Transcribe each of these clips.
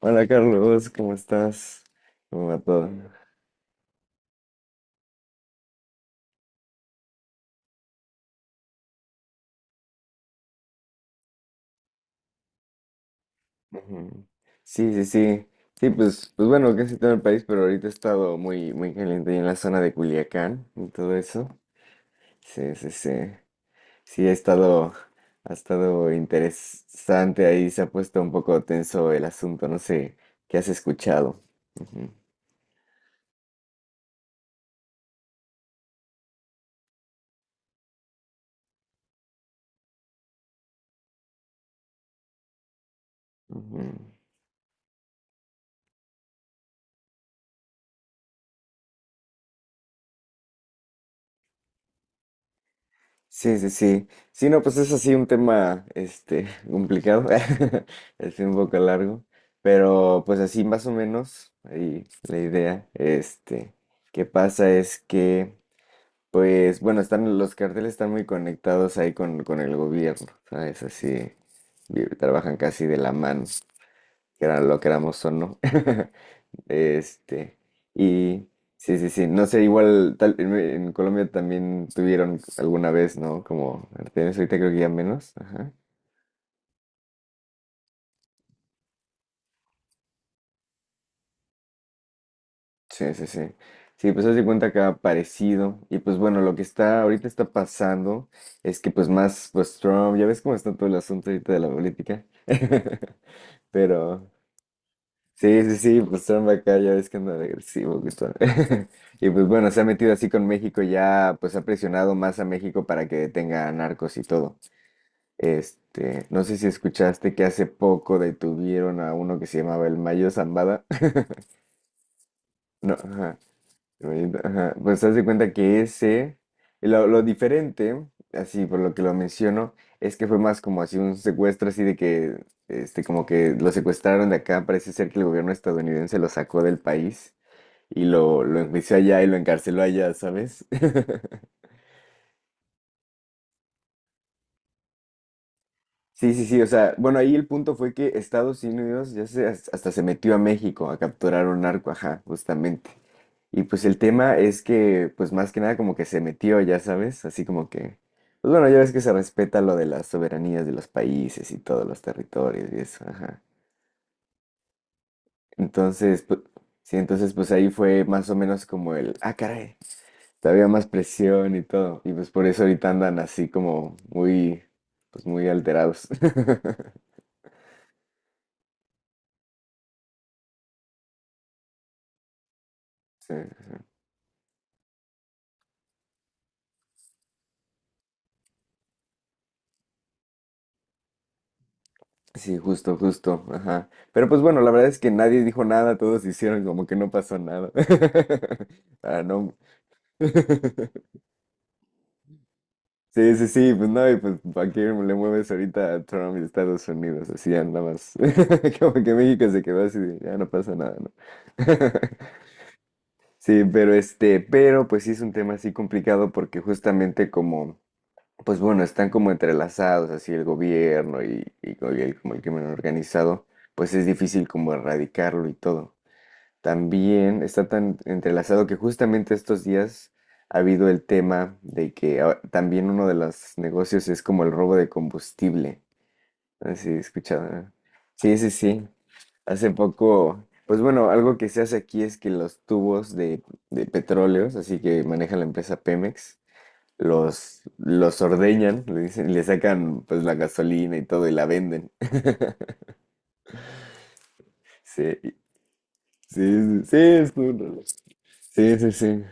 Hola Carlos, ¿cómo estás? ¿Cómo va todo? Ujú. Sí, sí, sí. Sí, pues, pues bueno, casi todo el país, pero ahorita he estado muy, muy caliente ahí en la zona de Culiacán y todo eso. Sí, sí, sí. Sí, ha estado interesante ahí, se ha puesto un poco tenso el asunto, no sé qué has escuchado. Ujú, ujú. Sí, sí, sí. Sí, no, pues es así un tema, complicado, es un poco largo, pero pues así más o menos, ahí la idea, que pasa es que, pues, bueno, están, los carteles están muy conectados ahí con el gobierno, ¿sabes? Así, trabajan casi de la mano, que era lo queramos o no. Este, y sí, sí, sí, no sé, igual tal, en Colombia también tuvieron alguna vez, ¿no? Como Artemisa, ahorita creo que ya menos. Ajá. Sí, sí, sí. Sí, pues haz de cuenta que ha parecido. Y pues bueno, lo que está ahorita está pasando es que pues más, pues Trump, ya ves cómo está todo el asunto ahorita de la política. Pero, sí, sí, sí, pues Trump acá ya ves que anda de agresivo, Gustavo. Y pues bueno, se ha metido así con México, ya pues ha presionado más a México para que detenga a narcos y todo. No sé si escuchaste que hace poco detuvieron a uno que se llamaba el Mayo Zambada. No, ajá, ajá, pues haz de cuenta que ese, y lo diferente, así por lo que lo menciono, es que fue más como así un secuestro, así de que, como que lo secuestraron de acá, parece ser que el gobierno estadounidense lo sacó del país y lo enjuició allá y lo encarceló allá, ¿sabes? Sí, sí, sí, o sea, bueno, ahí el punto fue que Estados Unidos ya se, hasta se metió a México a capturar un narco, ajá, justamente. Y pues el tema es que, pues más que nada como que se metió, ya sabes, así como que, pues bueno, ya ves que se respeta lo de las soberanías de los países y todos los territorios y eso, ajá. Entonces, pues, sí, entonces pues ahí fue más o menos como el, ah, caray. Había más presión y todo. Y pues por eso ahorita andan así como muy, pues muy alterados. Sí, sí, justo, justo, ajá. Pero pues bueno, la verdad es que nadie dijo nada, todos hicieron como que no pasó nada. Para no. Sí, sí, sí, pues no, y pues ¿para qué le mueves ahorita a Trump y Estados Unidos? Así ya nada más. Como que México se quedó así, de, ya no pasa nada, ¿no? Sí, pero pero pues sí es un tema así complicado porque justamente como pues bueno, están como entrelazados, así el gobierno y, y el, como el crimen organizado, pues es difícil como erradicarlo y todo. También está tan entrelazado que justamente estos días ha habido el tema de que ah, también uno de los negocios es como el robo de combustible. Así he escuchado, ¿no? Sí, sí, sí. Hace poco, pues bueno, algo que se hace aquí es que los tubos de petróleos, así que maneja la empresa Pemex, los ordeñan, le dicen, le sacan pues la gasolina y todo y la venden. Sí, sí, sí, sí, sí, sí.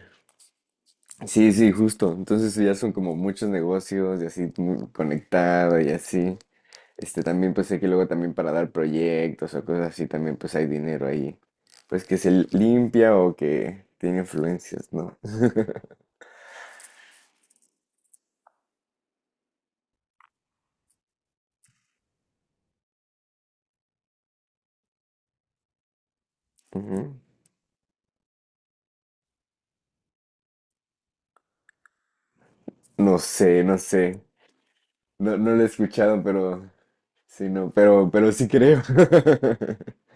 Sí, sí, justo. Entonces ya son como muchos negocios y así muy conectado y así. También pues sé que luego también para dar proyectos o cosas así también pues hay dinero ahí. Pues que se limpia o que tiene influencias, ¿no? Ujú. No sé, no sé. No, no lo he escuchado, pero sí, no, pero sí creo.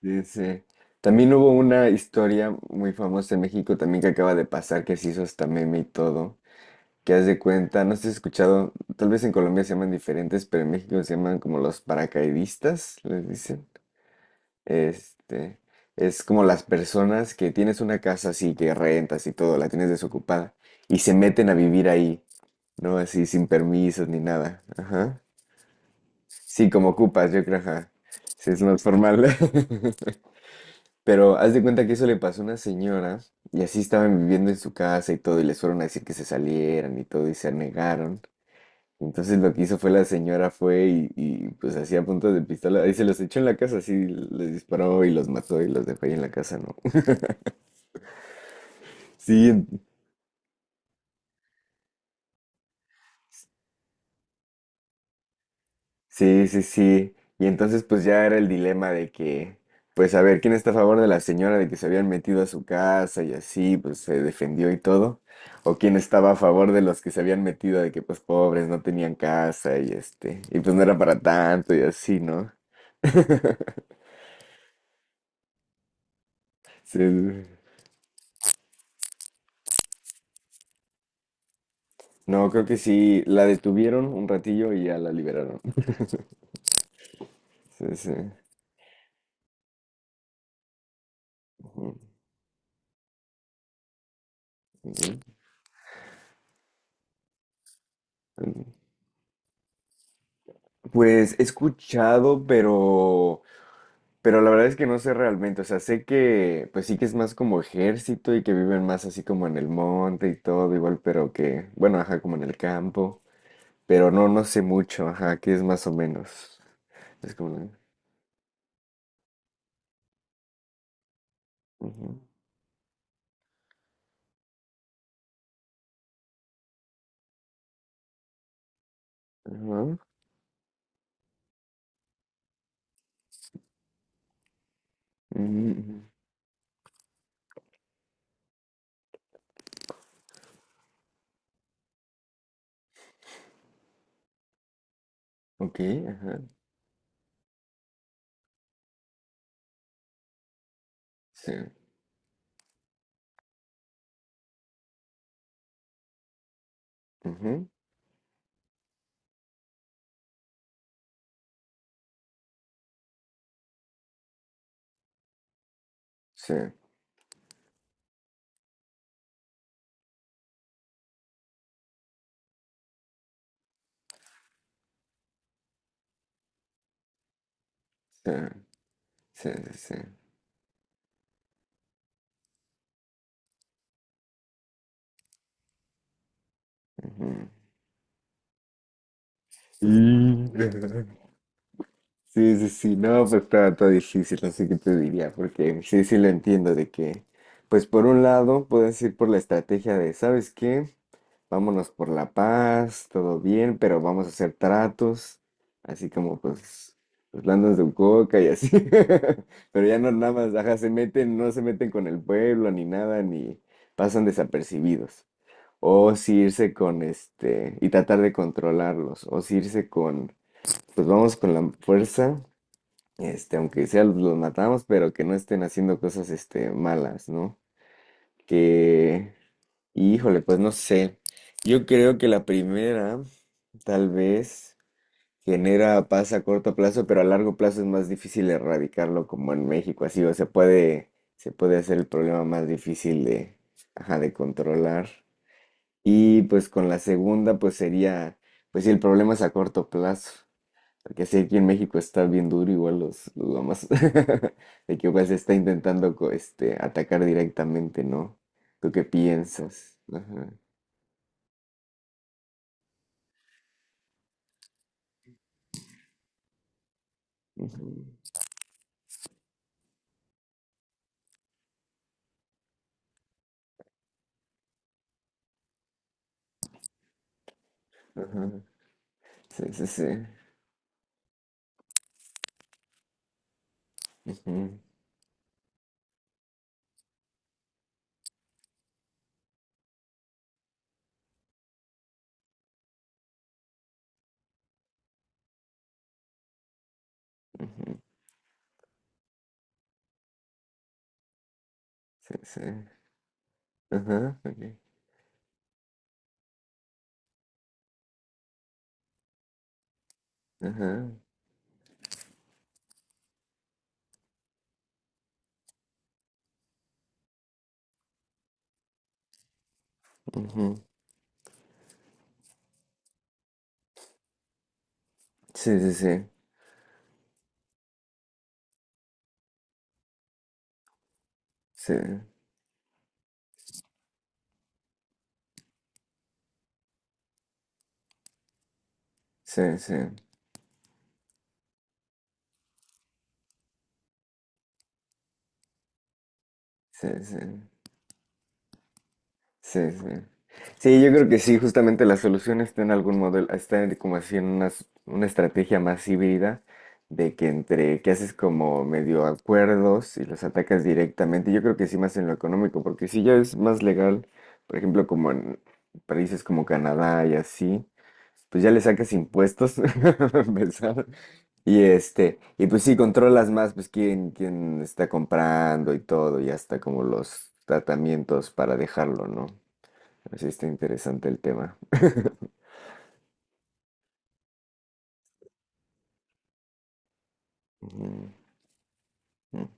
Sí, sí. También hubo una historia muy famosa en México también que acaba de pasar, que se hizo hasta meme y todo. Que haz de cuenta, no sé si has escuchado, tal vez en Colombia se llaman diferentes, pero en México se llaman como los paracaidistas, les dicen. Este, es como las personas que tienes una casa así, que rentas y todo, la tienes desocupada, y se meten a vivir ahí, ¿no? Así sin permisos ni nada. Ajá. Sí, como ocupas, yo creo, ajá. Sí, es más formal. Pero haz de cuenta que eso le pasó a una señora y así estaban viviendo en su casa y todo y les fueron a decir que se salieran y todo y se negaron. Entonces lo que hizo fue la señora fue pues hacía puntos de pistola y se los echó en la casa, así les disparó y los mató y los dejó ahí en la casa, ¿no? Sí, sí, sí, sí. Y entonces pues ya era el dilema de que, pues a ver, ¿quién está a favor de la señora de que se habían metido a su casa y así, pues se defendió y todo? ¿O quién estaba a favor de los que se habían metido de que pues pobres no tenían casa y y pues no era para tanto y así, ¿no? Sí, sí. No, creo que sí, la detuvieron un ratillo y ya la liberaron. Sí, sí. Ujú, ujú. Pues he escuchado, pero... Pero la verdad es que no sé realmente, o sea, sé que pues sí que es más como ejército y que viven más así como en el monte y todo, igual, pero que, bueno, ajá, como en el campo, pero no, no sé mucho, ajá, que es más o menos. Es como... Ujú, ajá, ujú, ujú, ok, ajá, sí, ujú, sí, sí, sí, sí, sí, ujú. Sí. Sí, sí, sí, no, pues está, está difícil, no sé qué te diría, porque sí, sí lo entiendo de que, pues por un lado puedes ir por la estrategia de, ¿sabes qué? Vámonos por la paz, todo bien, pero vamos a hacer tratos, así como pues los landas de coca y así, pero ya no nada más, ajá, se meten, no se meten con el pueblo ni nada, ni pasan desapercibidos, o si irse con y tratar de controlarlos, o si irse con... Pues vamos con la fuerza, aunque sea los matamos, pero que no estén haciendo cosas, malas, ¿no? Que, híjole, pues no sé. Yo creo que la primera, tal vez, genera paz a corto plazo, pero a largo plazo es más difícil erradicarlo como en México, así, o se puede hacer el problema más difícil de, ajá, de controlar. Y pues con la segunda, pues sería, pues si el problema es a corto plazo. Porque sí, aquí en México está bien duro igual los lamas. De que pues está intentando atacar directamente, ¿no? ¿Tú qué piensas? Ajá, ujú, ajá, sí, sí, sí, ujú, ujú, sí, sí, ajá, ok, ajá, ujú, sí, sí, sí, sí, sí, sí, sí, sí, sí, sí. Sí, yo creo que sí, justamente la solución está en algún modelo, está en como así en una, una estrategia más híbrida de que entre que haces como medio acuerdos y los atacas directamente. Yo creo que sí más en lo económico, porque si ya es más legal, por ejemplo, como en países como Canadá y así, pues ya le sacas impuestos para empezar. Y y pues sí, controlas más, pues quién, quién está comprando y todo, y hasta como los tratamientos para dejarlo, ¿no? Así está interesante el tema. Ujú, ujú.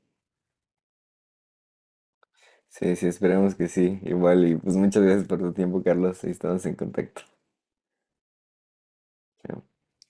Sí, sí, esperemos que sí. Igual, y pues muchas gracias por tu tiempo, Carlos. Ahí estamos en contacto. Chao.